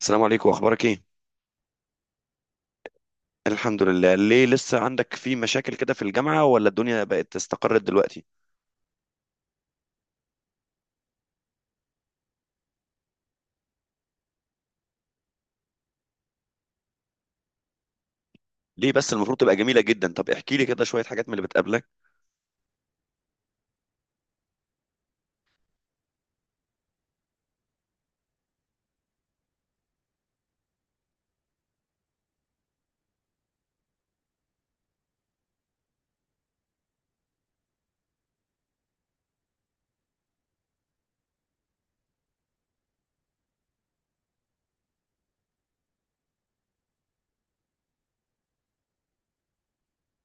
السلام عليكم، اخبارك ايه؟ الحمد لله. ليه لسه عندك في مشاكل كده في الجامعة، ولا الدنيا بقت استقرت دلوقتي؟ ليه بس؟ المفروض تبقى جميلة جدا. طب احكي لي كده شوية حاجات من اللي بتقابلك.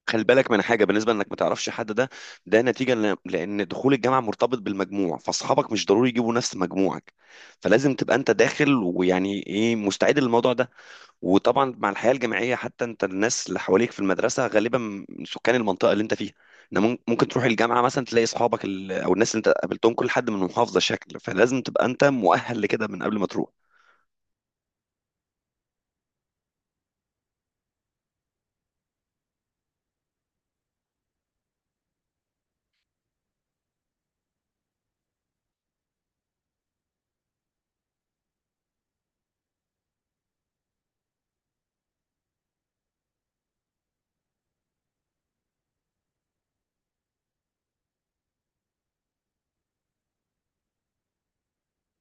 خلي بالك من حاجة بالنسبة انك ما تعرفش حد، ده نتيجة لان دخول الجامعة مرتبط بالمجموع، فاصحابك مش ضروري يجيبوا نفس مجموعك. فلازم تبقى انت داخل، ويعني ايه، مستعد للموضوع ده. وطبعا مع الحياه الجامعيه، حتى انت الناس اللي حواليك في المدرسه غالبا من سكان المنطقه اللي انت فيها. إن ممكن تروح الجامعه مثلا تلاقي اصحابك او الناس اللي انت قابلتهم، كل حد من محافظه شكل. فلازم تبقى انت مؤهل لكده من قبل ما تروح.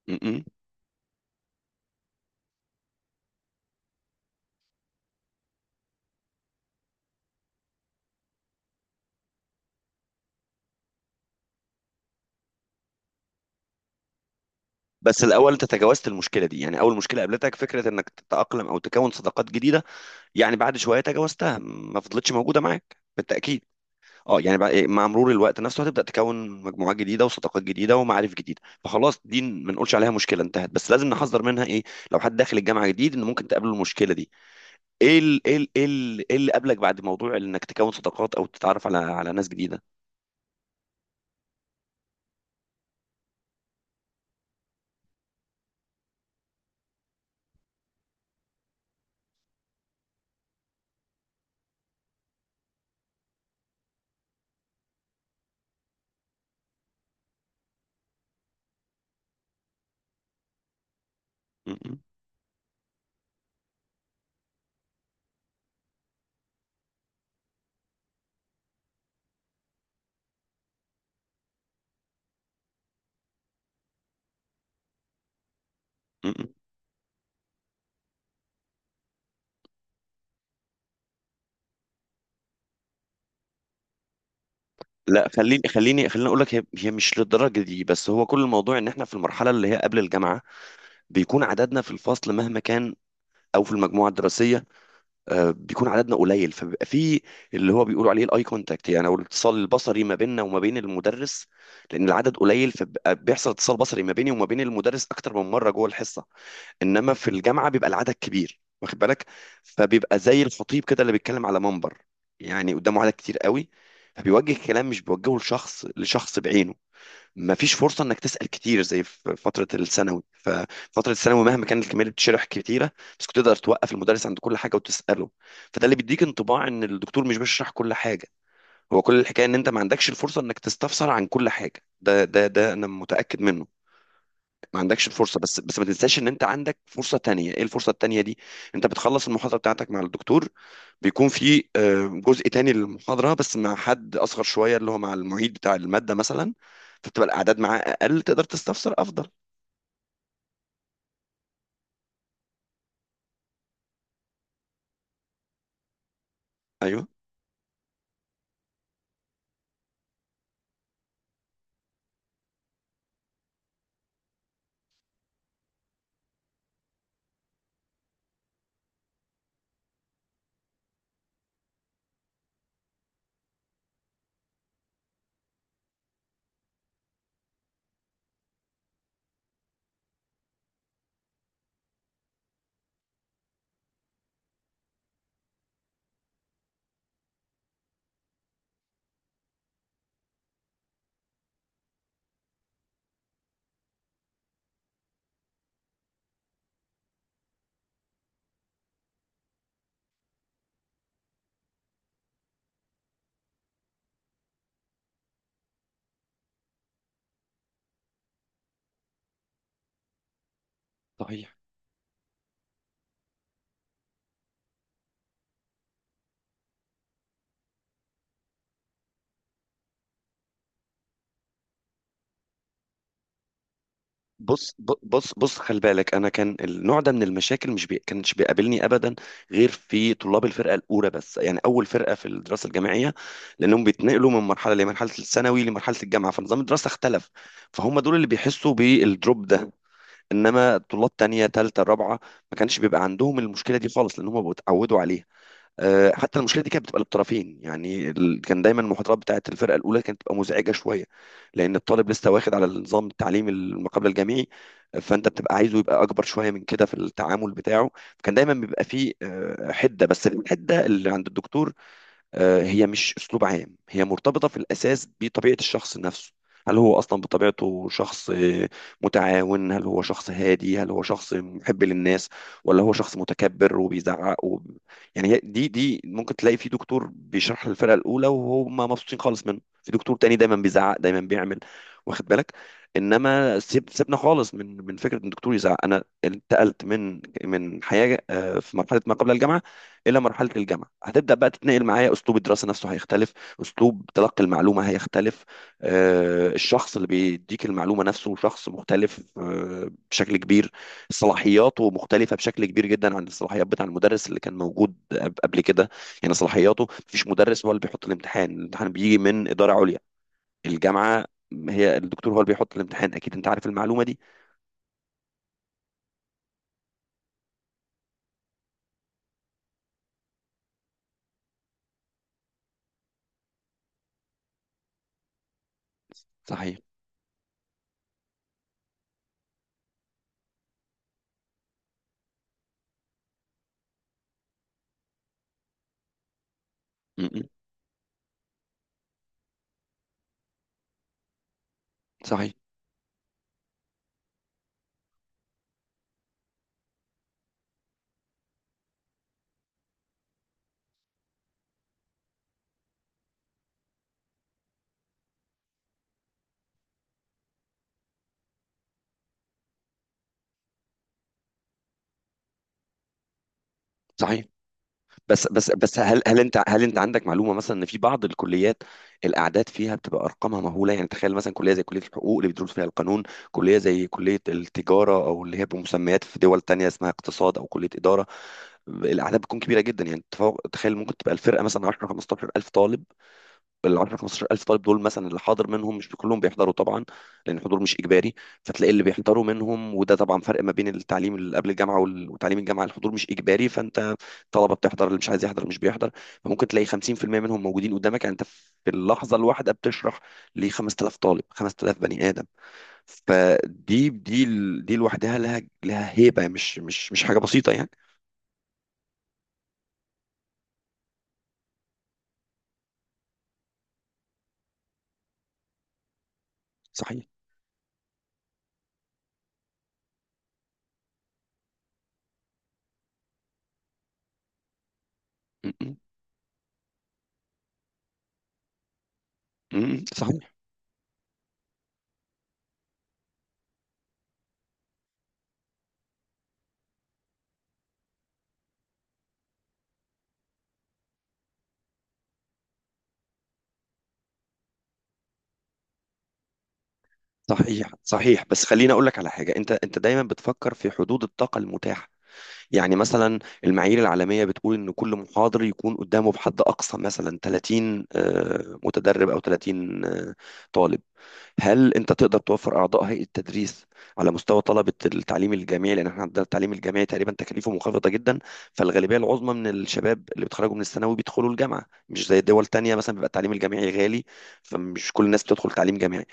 م. بس الاول انت تجاوزت المشكله دي. يعني اول مشكله قابلتك فكره انك تتاقلم او تكون صداقات جديده. يعني بعد شويه تجاوزتها، ما فضلتش موجوده معاك بالتاكيد. اه، يعني بقى إيه، مع مرور الوقت نفسه هتبدا تكون مجموعات جديده وصداقات جديده ومعارف جديده، فخلاص دي ما نقولش عليها مشكله، انتهت. بس لازم نحذر منها ايه؟ لو حد داخل الجامعه جديد، ان ممكن تقابله المشكله دي. ايه اللي قابلك بعد موضوع انك تكون صداقات او تتعرف على ناس جديده؟ م- م- م. لا. خليني اقول لك، هي مش للدرجه دي، بس هو كل الموضوع ان احنا في المرحله اللي هي قبل الجامعه. بيكون عددنا في الفصل مهما كان، او في المجموعه الدراسيه، بيكون عددنا قليل، فبيبقى في اللي هو بيقولوا عليه الاي كونتاكت، يعني او الاتصال البصري ما بيننا وما بين المدرس. لان العدد قليل، فبيبقى بيحصل اتصال بصري ما بيني وما بين المدرس اكتر من مره جوه الحصه. انما في الجامعه بيبقى العدد كبير، واخد بالك؟ فبيبقى زي الخطيب كده اللي بيتكلم على منبر. يعني قدامه عدد كتير قوي، فبيوجه كلام مش بيوجهه لشخص بعينه. ما فيش فرصه انك تسال كتير زي في فتره الثانوي. ففتره الثانوي مهما كانت الكميه اللي بتشرح كتيره، بس كنت تقدر توقف المدرس عند كل حاجه وتساله. فده اللي بيديك انطباع ان الدكتور مش بيشرح كل حاجه. هو كل الحكايه ان انت ما عندكش الفرصه انك تستفسر عن كل حاجه. ده انا متاكد منه. ما عندكش الفرصه، بس ما تنساش ان انت عندك فرصه تانية. ايه الفرصه التانية دي؟ انت بتخلص المحاضره بتاعتك مع الدكتور. بيكون في جزء تاني للمحاضره، بس مع حد اصغر شويه اللي هو مع المعيد بتاع الماده مثلا. فبتبقى الاعداد معاه اقل، تقدر تستفسر افضل. ايوه، صحيح. بص ب- بص بص خلي بالك، انا كان النوع ده من المشاكل مش بي... كانش بيقابلني ابدا، غير في طلاب الفرقه الاولى بس، يعني اول فرقه في الدراسه الجامعيه. لانهم بيتنقلوا من مرحله لمرحله، الثانوي لمرحله الجامعه، فنظام الدراسه اختلف. فهم دول اللي بيحسوا بالدروب ده. انما طلاب تانية تالتة رابعة ما كانش بيبقى عندهم المشكله دي خالص، لان هم بيتعودوا عليها. حتى المشكله دي كانت بتبقى للطرفين، كان دايما المحاضرات بتاعه الفرقه الاولى كانت بتبقى مزعجه شويه، لان الطالب لسه واخد على النظام التعليمي ما قبل الجامعي. فانت بتبقى عايزه يبقى اكبر شويه من كده في التعامل بتاعه. كان دايما بيبقى فيه حده، بس الحده اللي عند الدكتور هي مش اسلوب عام، هي مرتبطه في الاساس بطبيعه الشخص نفسه. هل هو اصلا بطبيعته شخص متعاون؟ هل هو شخص هادي؟ هل هو شخص محب للناس؟ ولا هو شخص متكبر وبيزعق؟ يعني دي ممكن تلاقي في دكتور بيشرح للفرقه الاولى وهم مبسوطين خالص منه، في دكتور تاني دايما بيزعق دايما بيعمل، واخد بالك. انما سيبنا خالص من فكره ان الدكتور يزعق. انا انتقلت من حياه في مرحله ما قبل الجامعه الى مرحله الجامعه، هتبدا بقى تتنقل معايا. اسلوب الدراسه نفسه هيختلف، اسلوب تلقي المعلومه هيختلف، الشخص اللي بيديك المعلومه نفسه شخص مختلف بشكل كبير. صلاحياته مختلفه بشكل كبير جدا عن الصلاحيات بتاع المدرس اللي كان موجود قبل كده. يعني صلاحياته، مفيش مدرس هو اللي بيحط الامتحان. الامتحان بيجي من اداره عليا، الجامعه. هي الدكتور هو اللي بيحط الامتحان، اكيد انت عارف المعلومه دي. صحيح. م. صحيح، صحيح. بس هل انت عندك معلومه مثلا ان في بعض الكليات الاعداد فيها بتبقى ارقامها مهوله. يعني تخيل مثلا كليه زي كليه الحقوق اللي بتدرس فيها القانون، كليه زي كليه التجاره، او اللي هي بمسميات في دول تانية اسمها اقتصاد او كليه اداره. الاعداد بتكون كبيره جدا، يعني تخيل ممكن تبقى الفرقه مثلا 10 15 الف طالب. ال 10 15000 طالب دول مثلا، اللي حاضر منهم، مش كلهم بيحضروا طبعا، لان الحضور مش اجباري. فتلاقي اللي بيحضروا منهم، وده طبعا فرق ما بين التعليم اللي قبل الجامعه وتعليم الجامعه. الحضور مش اجباري، فانت الطلبه بتحضر، اللي مش عايز يحضر مش بيحضر. فممكن تلاقي 50% منهم موجودين قدامك. يعني انت في اللحظه الواحده بتشرح ل 5000 طالب، 5000 بني ادم. فدي دي ال- دي لوحدها لها هيبه، مش حاجه بسيطه يعني. صحيح. م- م- صحيح، صحيح، صحيح. بس خليني اقول لك على حاجه، انت دايما بتفكر في حدود الطاقه المتاحه. يعني مثلا، المعايير العالميه بتقول ان كل محاضر يكون قدامه بحد اقصى مثلا 30 متدرب، او 30 طالب. هل انت تقدر توفر اعضاء هيئه التدريس على مستوى طلبه التعليم الجامعي؟ لان احنا عندنا التعليم الجامعي تقريبا تكاليفه منخفضه جدا، فالغالبيه العظمى من الشباب اللي بيتخرجوا من الثانوي بيدخلوا الجامعه، مش زي دول تانية مثلا بيبقى التعليم الجامعي غالي، فمش كل الناس بتدخل تعليم جامعي.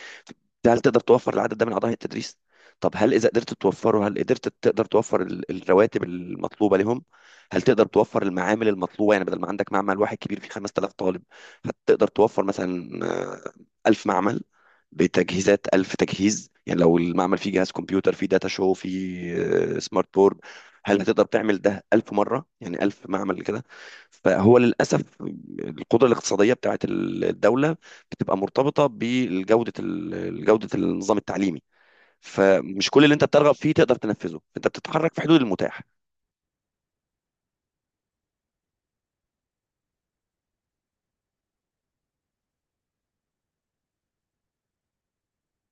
هل تقدر توفر العدد ده من اعضاء هيئه التدريس؟ طب هل اذا قدرت توفره، هل تقدر توفر الرواتب المطلوبه لهم؟ هل تقدر توفر المعامل المطلوبه؟ يعني بدل ما عندك معمل واحد كبير فيه 5000 طالب، هتقدر توفر مثلا 1000 معمل بتجهيزات 1000 تجهيز؟ يعني لو المعمل فيه جهاز كمبيوتر، فيه داتا شو، فيه سمارت بورد، هل هتقدر تعمل ده 1000 مرة؟ يعني 1000 معمل كده. فهو للأسف، القدرة الاقتصادية بتاعت الدولة بتبقى مرتبطة بجودة جودة النظام التعليمي. فمش كل اللي انت بترغب فيه تقدر تنفذه، انت بتتحرك في حدود المتاح.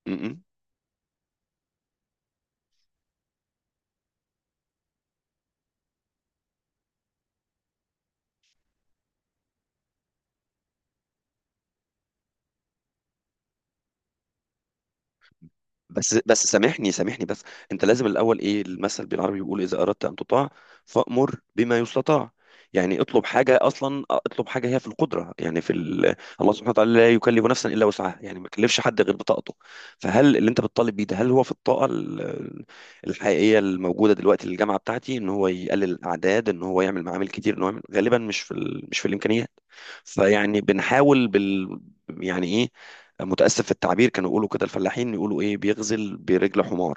م- بس سامحني بس، انت لازم الاول، ايه المثل بالعربي بيقول؟ اذا اردت ان تطاع، فامر بما يستطاع. يعني اطلب حاجه، اصلا اطلب حاجه هي في القدره، يعني الله سبحانه وتعالى لا يكلف نفسا الا وسعها، يعني ما يكلفش حد غير بطاقته. فهل اللي انت بتطالب بيه ده، هل هو في الطاقه الحقيقيه الموجوده دلوقتي للجامعه بتاعتي؟ ان هو يقلل الاعداد، ان هو يعمل معامل كتير، ان هو غالبا مش في الامكانيات. فيعني بنحاول. يعني ايه، متأسف في التعبير، كانوا يقولوا كده الفلاحين، يقولوا ايه، بيغزل برجل حمار.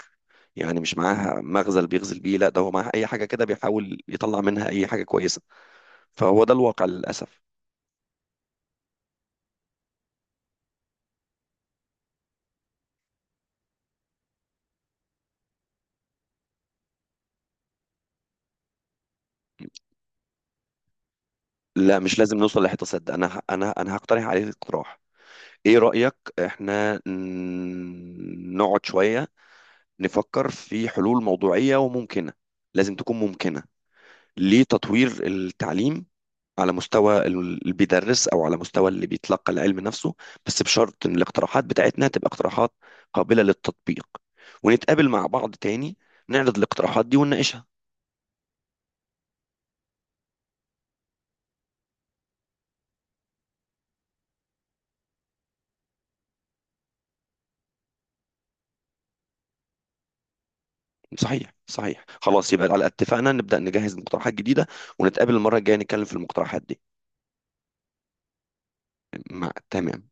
يعني مش معاها مغزل بيغزل بيه، لا ده هو معاها اي حاجة كده بيحاول يطلع منها اي حاجة كويسة. فهو ده الواقع للأسف. لا، مش لازم نوصل للحيطة ده. انا هقترح عليك اقتراح. ايه رأيك؟ احنا نقعد شوية، نفكر في حلول موضوعية وممكنة. لازم تكون ممكنة، لتطوير التعليم، على مستوى اللي بيدرس، او على مستوى اللي بيتلقى العلم نفسه. بس بشرط ان الاقتراحات بتاعتنا تبقى اقتراحات قابلة للتطبيق. ونتقابل مع بعض تاني، نعرض الاقتراحات دي ونناقشها. صحيح، صحيح. خلاص يبقى، على اتفقنا نبدأ نجهز مقترحات جديدة، ونتقابل المرة الجاية نتكلم في المقترحات دي. مع تمام.